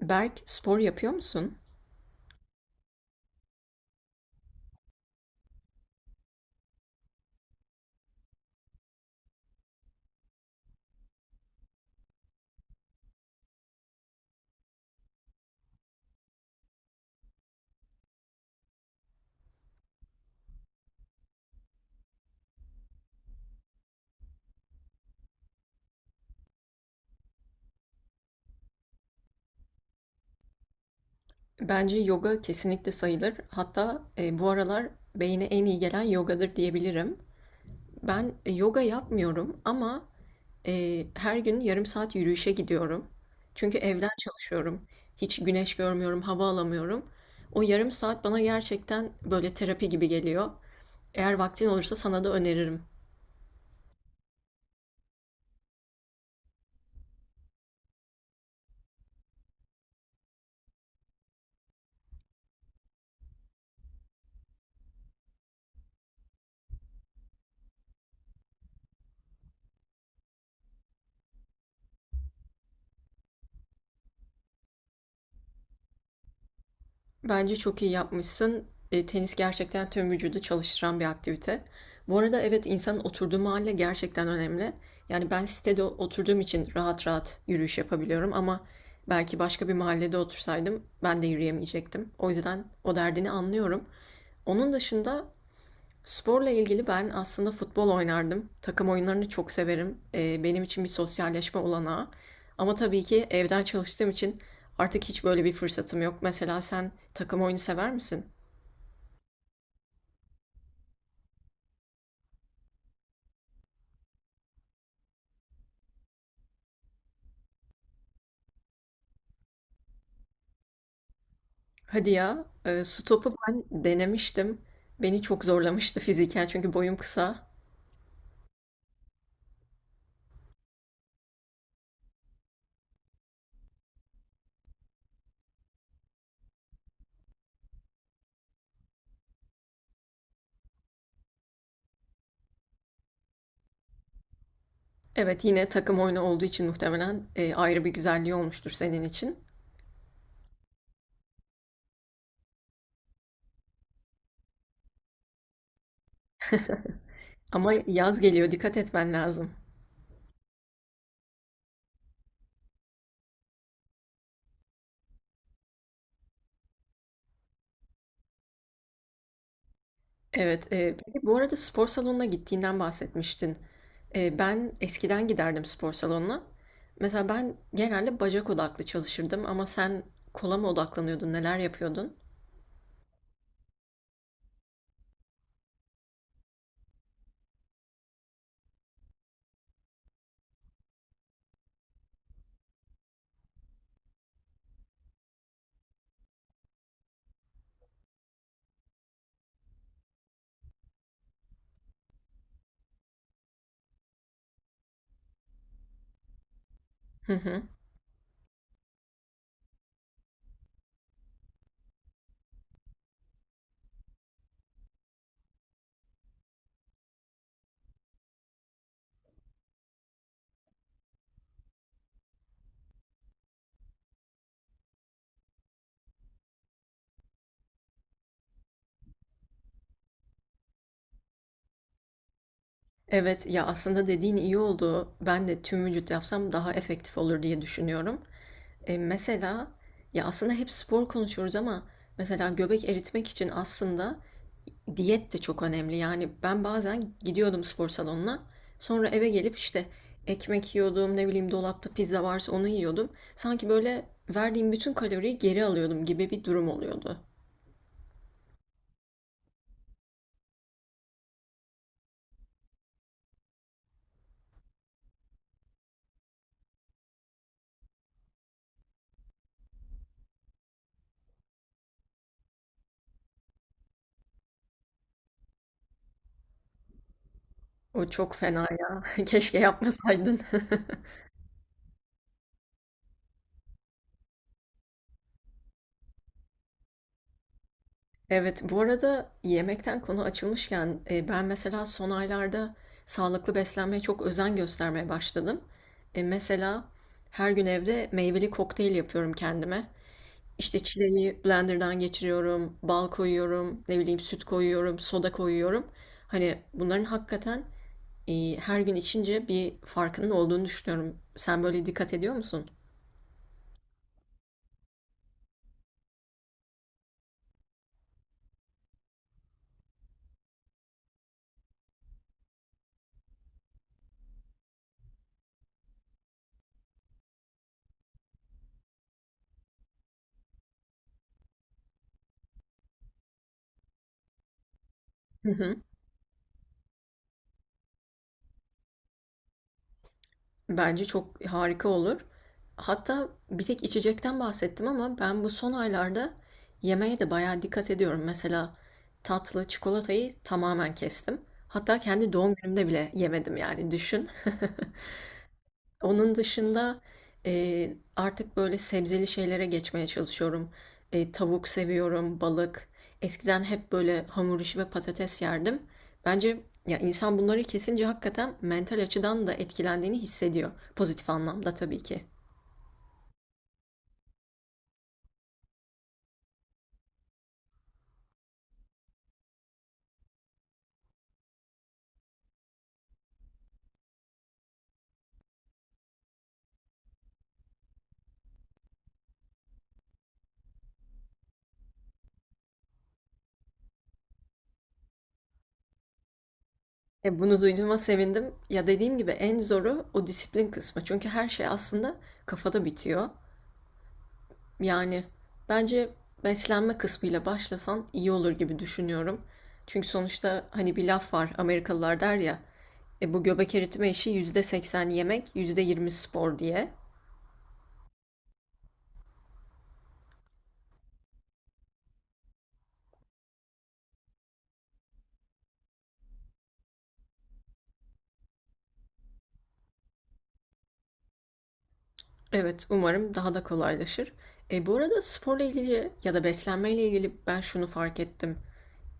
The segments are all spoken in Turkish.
Berk, spor yapıyor musun? Bence yoga kesinlikle sayılır. Hatta bu aralar beyne en iyi gelen yogadır diyebilirim. Ben yoga yapmıyorum ama her gün yarım saat yürüyüşe gidiyorum. Çünkü evden çalışıyorum. Hiç güneş görmüyorum, hava alamıyorum. O yarım saat bana gerçekten böyle terapi gibi geliyor. Eğer vaktin olursa sana da öneririm. Bence çok iyi yapmışsın. Tenis gerçekten tüm vücudu çalıştıran bir aktivite. Bu arada evet, insanın oturduğu mahalle gerçekten önemli. Yani ben sitede oturduğum için rahat rahat yürüyüş yapabiliyorum ama belki başka bir mahallede otursaydım ben de yürüyemeyecektim. O yüzden o derdini anlıyorum. Onun dışında sporla ilgili ben aslında futbol oynardım. Takım oyunlarını çok severim. Benim için bir sosyalleşme olanağı. Ama tabii ki evden çalıştığım için artık hiç böyle bir fırsatım yok. Mesela sen takım oyunu sever misin? Hadi ya, su topu ben denemiştim. Beni çok zorlamıştı fiziken çünkü boyum kısa. Evet, yine takım oyunu olduğu için muhtemelen ayrı bir güzelliği olmuştur senin için. Ama yaz geliyor, dikkat etmen lazım. Evet, peki bu arada spor salonuna gittiğinden bahsetmiştin. Ben eskiden giderdim spor salonuna. Mesela ben genelde bacak odaklı çalışırdım ama sen kola mı odaklanıyordun, neler yapıyordun? Hı hı. Evet, ya aslında dediğin iyi oldu. Ben de tüm vücut yapsam daha efektif olur diye düşünüyorum. Mesela ya aslında hep spor konuşuyoruz ama mesela göbek eritmek için aslında diyet de çok önemli. Yani ben bazen gidiyordum spor salonuna. Sonra eve gelip işte ekmek yiyordum, ne bileyim dolapta pizza varsa onu yiyordum. Sanki böyle verdiğim bütün kaloriyi geri alıyordum gibi bir durum oluyordu. O çok fena ya. Keşke yapmasaydın. Evet, bu arada yemekten konu açılmışken ben mesela son aylarda sağlıklı beslenmeye çok özen göstermeye başladım. Mesela her gün evde meyveli kokteyl yapıyorum kendime. İşte çileği blenderdan geçiriyorum, bal koyuyorum, ne bileyim süt koyuyorum, soda koyuyorum. Hani bunların hakikaten her gün içince bir farkının olduğunu düşünüyorum. Sen böyle dikkat ediyor musun? Hı hı. Bence çok harika olur. Hatta bir tek içecekten bahsettim ama ben bu son aylarda yemeğe de bayağı dikkat ediyorum. Mesela tatlı çikolatayı tamamen kestim. Hatta kendi doğum günümde bile yemedim, yani düşün. Onun dışında e, artık böyle sebzeli şeylere geçmeye çalışıyorum. Tavuk seviyorum, balık. Eskiden hep böyle hamur işi ve patates yerdim. Bence ya insan bunları kesince hakikaten mental açıdan da etkilendiğini hissediyor. Pozitif anlamda tabii ki. Bunu duyduğuma sevindim. Ya dediğim gibi en zoru o disiplin kısmı. Çünkü her şey aslında kafada bitiyor. Yani bence beslenme kısmıyla başlasan iyi olur gibi düşünüyorum. Çünkü sonuçta hani bir laf var, Amerikalılar der ya, bu göbek eritme işi %80 yemek %20 spor diye. Evet, umarım daha da kolaylaşır. Bu arada sporla ilgili ya da beslenmeyle ilgili ben şunu fark ettim.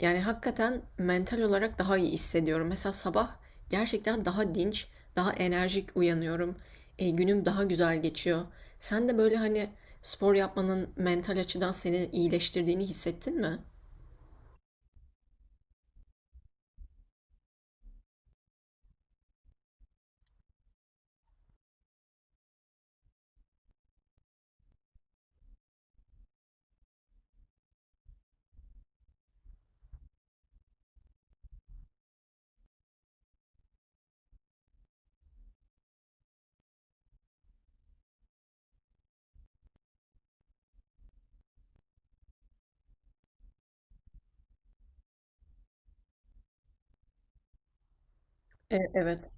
Yani hakikaten mental olarak daha iyi hissediyorum. Mesela sabah gerçekten daha dinç, daha enerjik uyanıyorum. Günüm daha güzel geçiyor. Sen de böyle, hani, spor yapmanın mental açıdan seni iyileştirdiğini hissettin mi? Evet.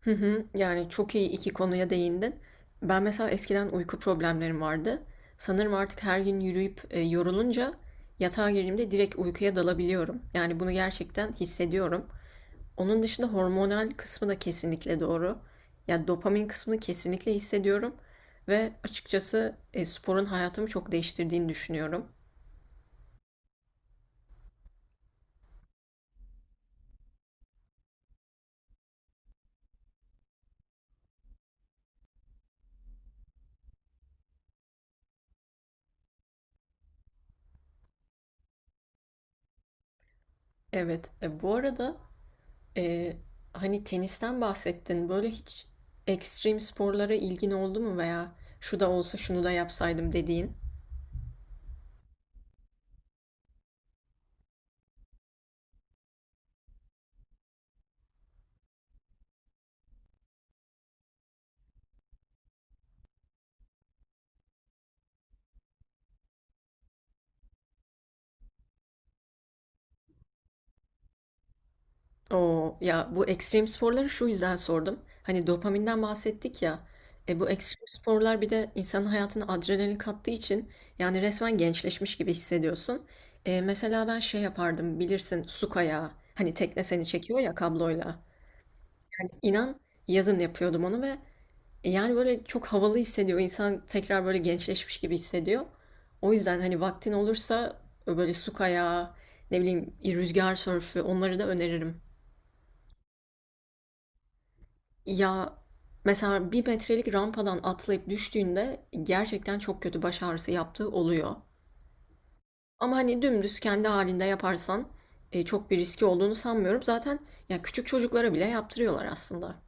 Hı hı. Yani çok iyi 2 konuya değindin. Ben mesela eskiden uyku problemlerim vardı. Sanırım artık her gün yürüyüp, yorulunca yatağa girdiğimde direkt uykuya dalabiliyorum. Yani bunu gerçekten hissediyorum. Onun dışında hormonal kısmı da kesinlikle doğru. Ya dopamin kısmını kesinlikle hissediyorum ve açıkçası sporun hayatımı çok değiştirdiğini düşünüyorum. Evet, bu arada e, hani tenisten bahsettin. Böyle hiç ekstrem sporlara ilgin oldu mu, veya şu da olsa şunu da yapsaydım dediğin? Oo, ya bu ekstrem sporları şu yüzden sordum. Hani dopaminden bahsettik ya. Bu ekstrem sporlar bir de insanın hayatına adrenalin kattığı için yani resmen gençleşmiş gibi hissediyorsun. Mesela ben şey yapardım, bilirsin, su kayağı. Hani tekne seni çekiyor ya kabloyla. Yani inan, yazın yapıyordum onu ve yani böyle çok havalı hissediyor. İnsan tekrar böyle gençleşmiş gibi hissediyor. O yüzden hani vaktin olursa böyle su kayağı, ne bileyim rüzgar sörfü, onları da öneririm. Ya mesela bir metrelik rampadan atlayıp düştüğünde gerçekten çok kötü baş ağrısı yaptığı oluyor. Ama hani dümdüz kendi halinde yaparsan çok bir riski olduğunu sanmıyorum. Zaten ya küçük çocuklara bile yaptırıyorlar aslında.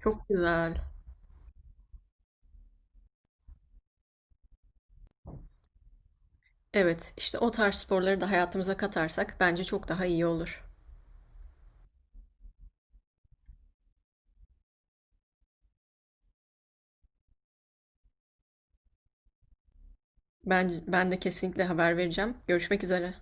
Çok güzel. Evet, işte o tarz sporları da hayatımıza katarsak bence çok daha iyi olur. Ben de kesinlikle haber vereceğim. Görüşmek üzere.